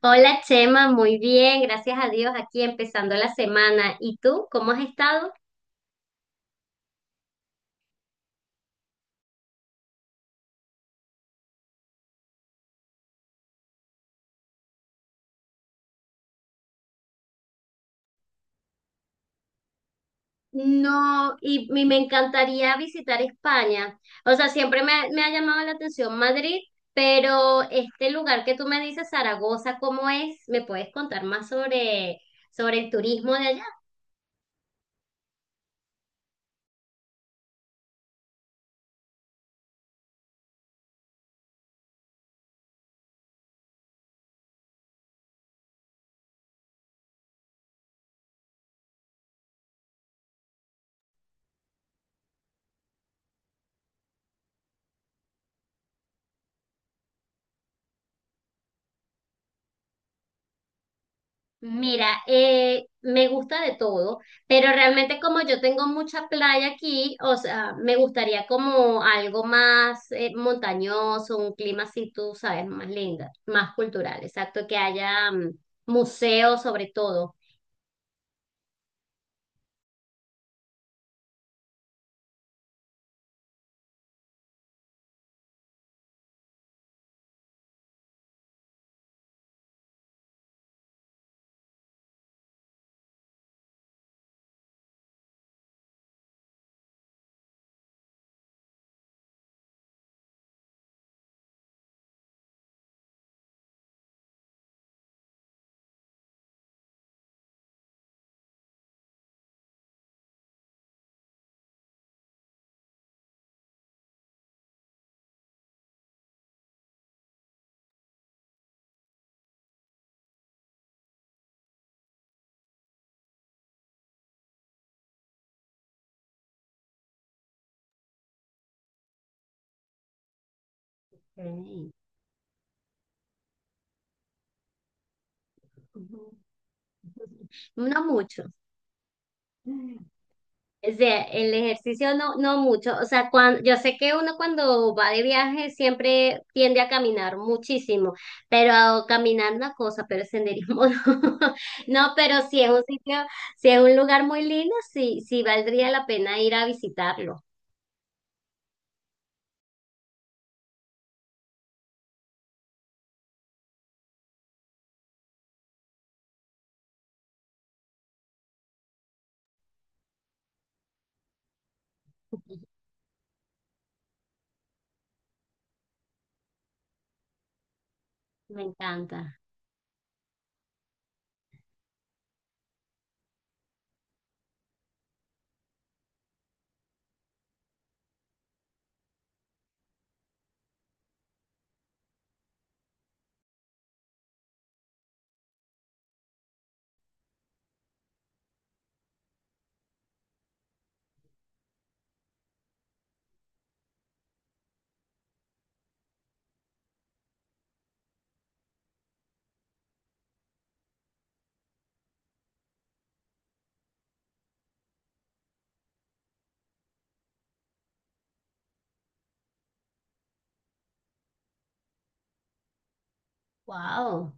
Hola Chema, muy bien, gracias a Dios, aquí empezando la semana. ¿Y tú, cómo has estado? No, y me encantaría visitar España. O sea, siempre me ha llamado la atención Madrid, pero este lugar que tú me dices, Zaragoza, ¿cómo es? ¿Me puedes contar más sobre, sobre el turismo de Mira, me gusta de todo, pero realmente como yo tengo mucha playa aquí, o sea, me gustaría como algo más montañoso, un clima así, tú sabes, más linda, más cultural, exacto, que haya museos sobre todo. Ok. Ujú. No mucho. O sea, el ejercicio no, no mucho. O sea, yo sé que uno cuando va de viaje siempre tiende a caminar muchísimo, pero caminar una cosa, pero senderismo no. No, pero si es un sitio, si es un lugar muy lindo, sí, sí valdría la pena ir a visitarlo. Me encanta. Wow.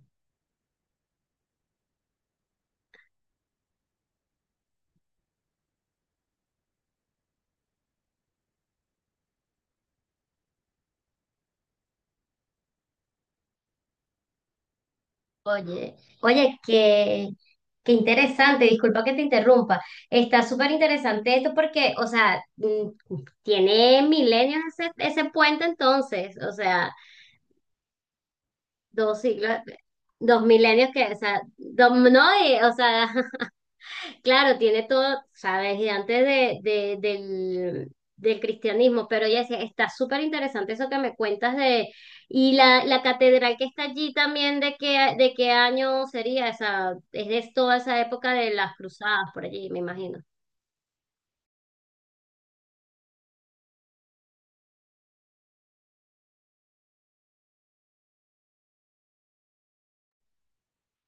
Oye, oye, qué, qué interesante, disculpa que te interrumpa. Está súper interesante esto porque, o sea, mm, tiene milenios ese puente entonces, o sea, dos siglos, dos milenios que, o sea, dos, no, y, o sea, claro, tiene todo, sabes, y antes de, del, del cristianismo, pero ella decía, está súper interesante eso que me cuentas de, y la catedral que está allí también, de qué año sería esa? Es de toda esa época de las cruzadas por allí, me imagino.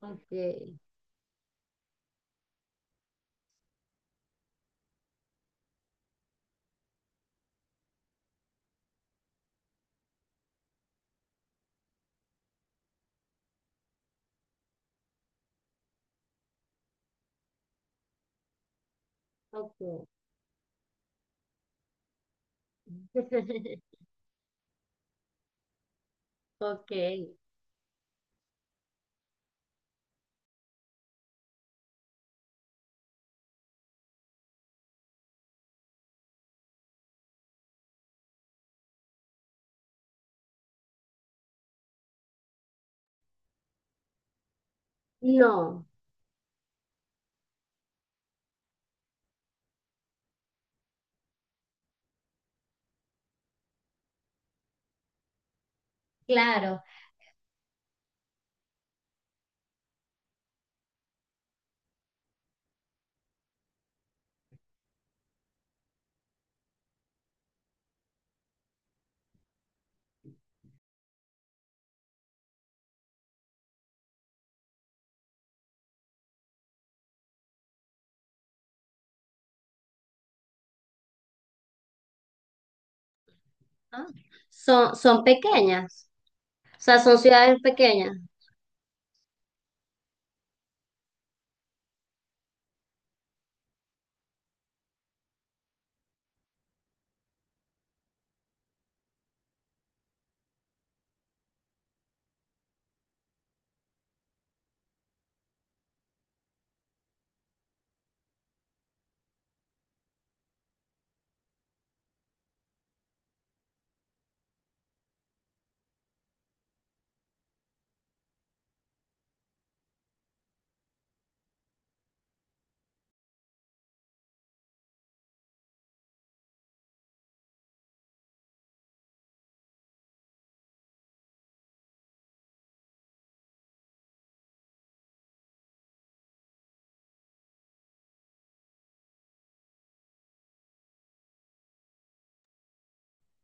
Ok, ok. Ok. No, claro. Ah, son, son pequeñas, o sea, son ciudades pequeñas.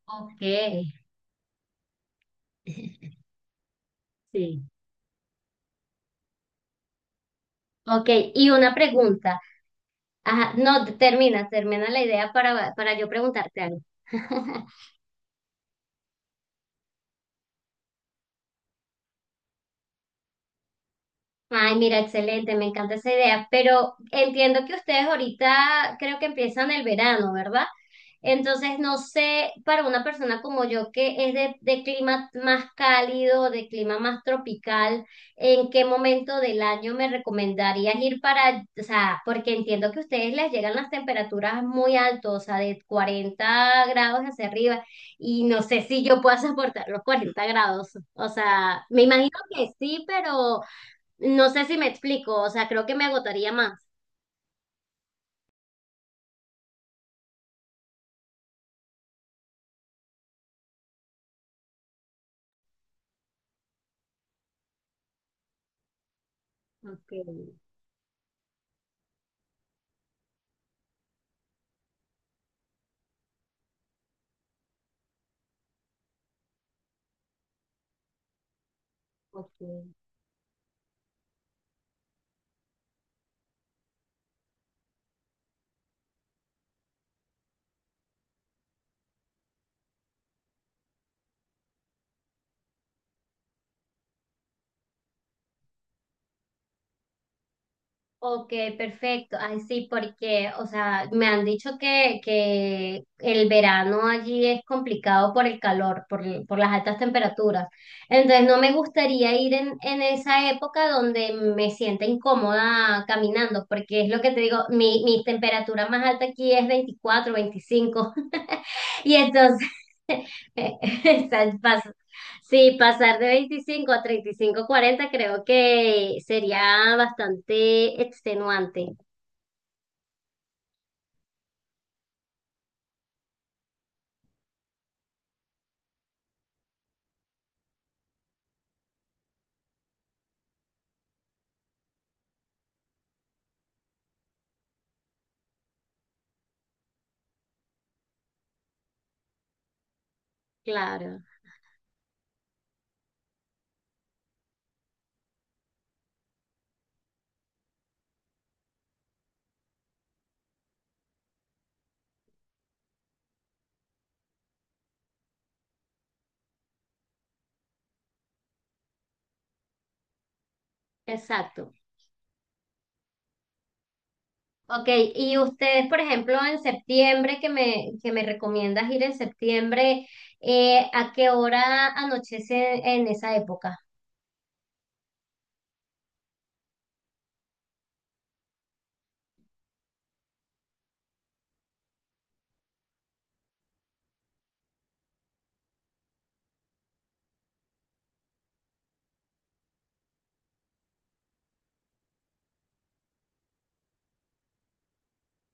Ok. Sí. Ok, y una pregunta. Ajá, no, termina, termina la idea para yo preguntarte algo. Ay, mira, excelente, me encanta esa idea, pero entiendo que ustedes ahorita creo que empiezan el verano, ¿verdad? Entonces, no sé, para una persona como yo que es de clima más cálido, de clima más tropical, ¿en qué momento del año me recomendarías ir para, o sea, porque entiendo que a ustedes les llegan las temperaturas muy altas, o sea, de 40 grados hacia arriba, y no sé si yo pueda soportar los 40 grados, o sea, me imagino que sí, pero... No sé si me explico, o sea, creo que me agotaría más. Ok, ok. Ok, perfecto. Ay, sí, porque, o sea, me han dicho que el verano allí es complicado por el calor, por, por las altas temperaturas. Entonces, no me gustaría ir en esa época donde me sienta incómoda caminando, porque es lo que te digo, mi temperatura más alta aquí es 24 25 Y entonces Eh, Está el paso. Sí, pasar de 25 a 35 40 creo que sería bastante extenuante. Claro, exacto. Ok, y ustedes, por ejemplo, en septiembre, que me recomiendas ir en septiembre, ¿a qué hora anochece en esa época?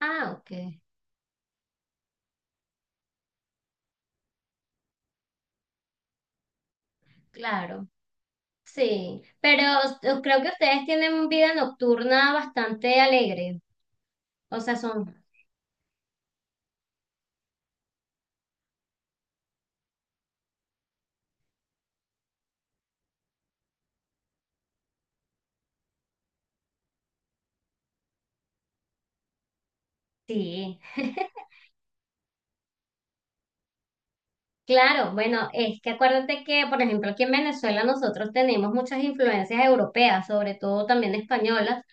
Ah, ok, claro. Sí, pero creo que ustedes tienen vida nocturna bastante alegre. O sea, son... Sí. Claro, bueno, es que acuérdate que, por ejemplo, aquí en Venezuela nosotros tenemos muchas influencias europeas, sobre todo también españolas,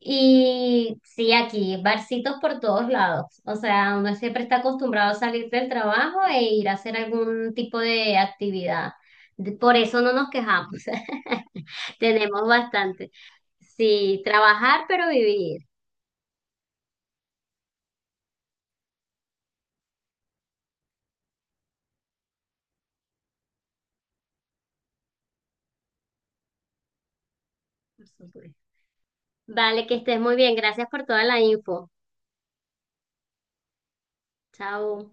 y sí, aquí barcitos por todos lados. O sea, uno siempre está acostumbrado a salir del trabajo e ir a hacer algún tipo de actividad. Por eso no nos quejamos, tenemos bastante. Sí, trabajar pero vivir. Por supuesto. Vale, que estés muy bien. Gracias por toda la info. Chao.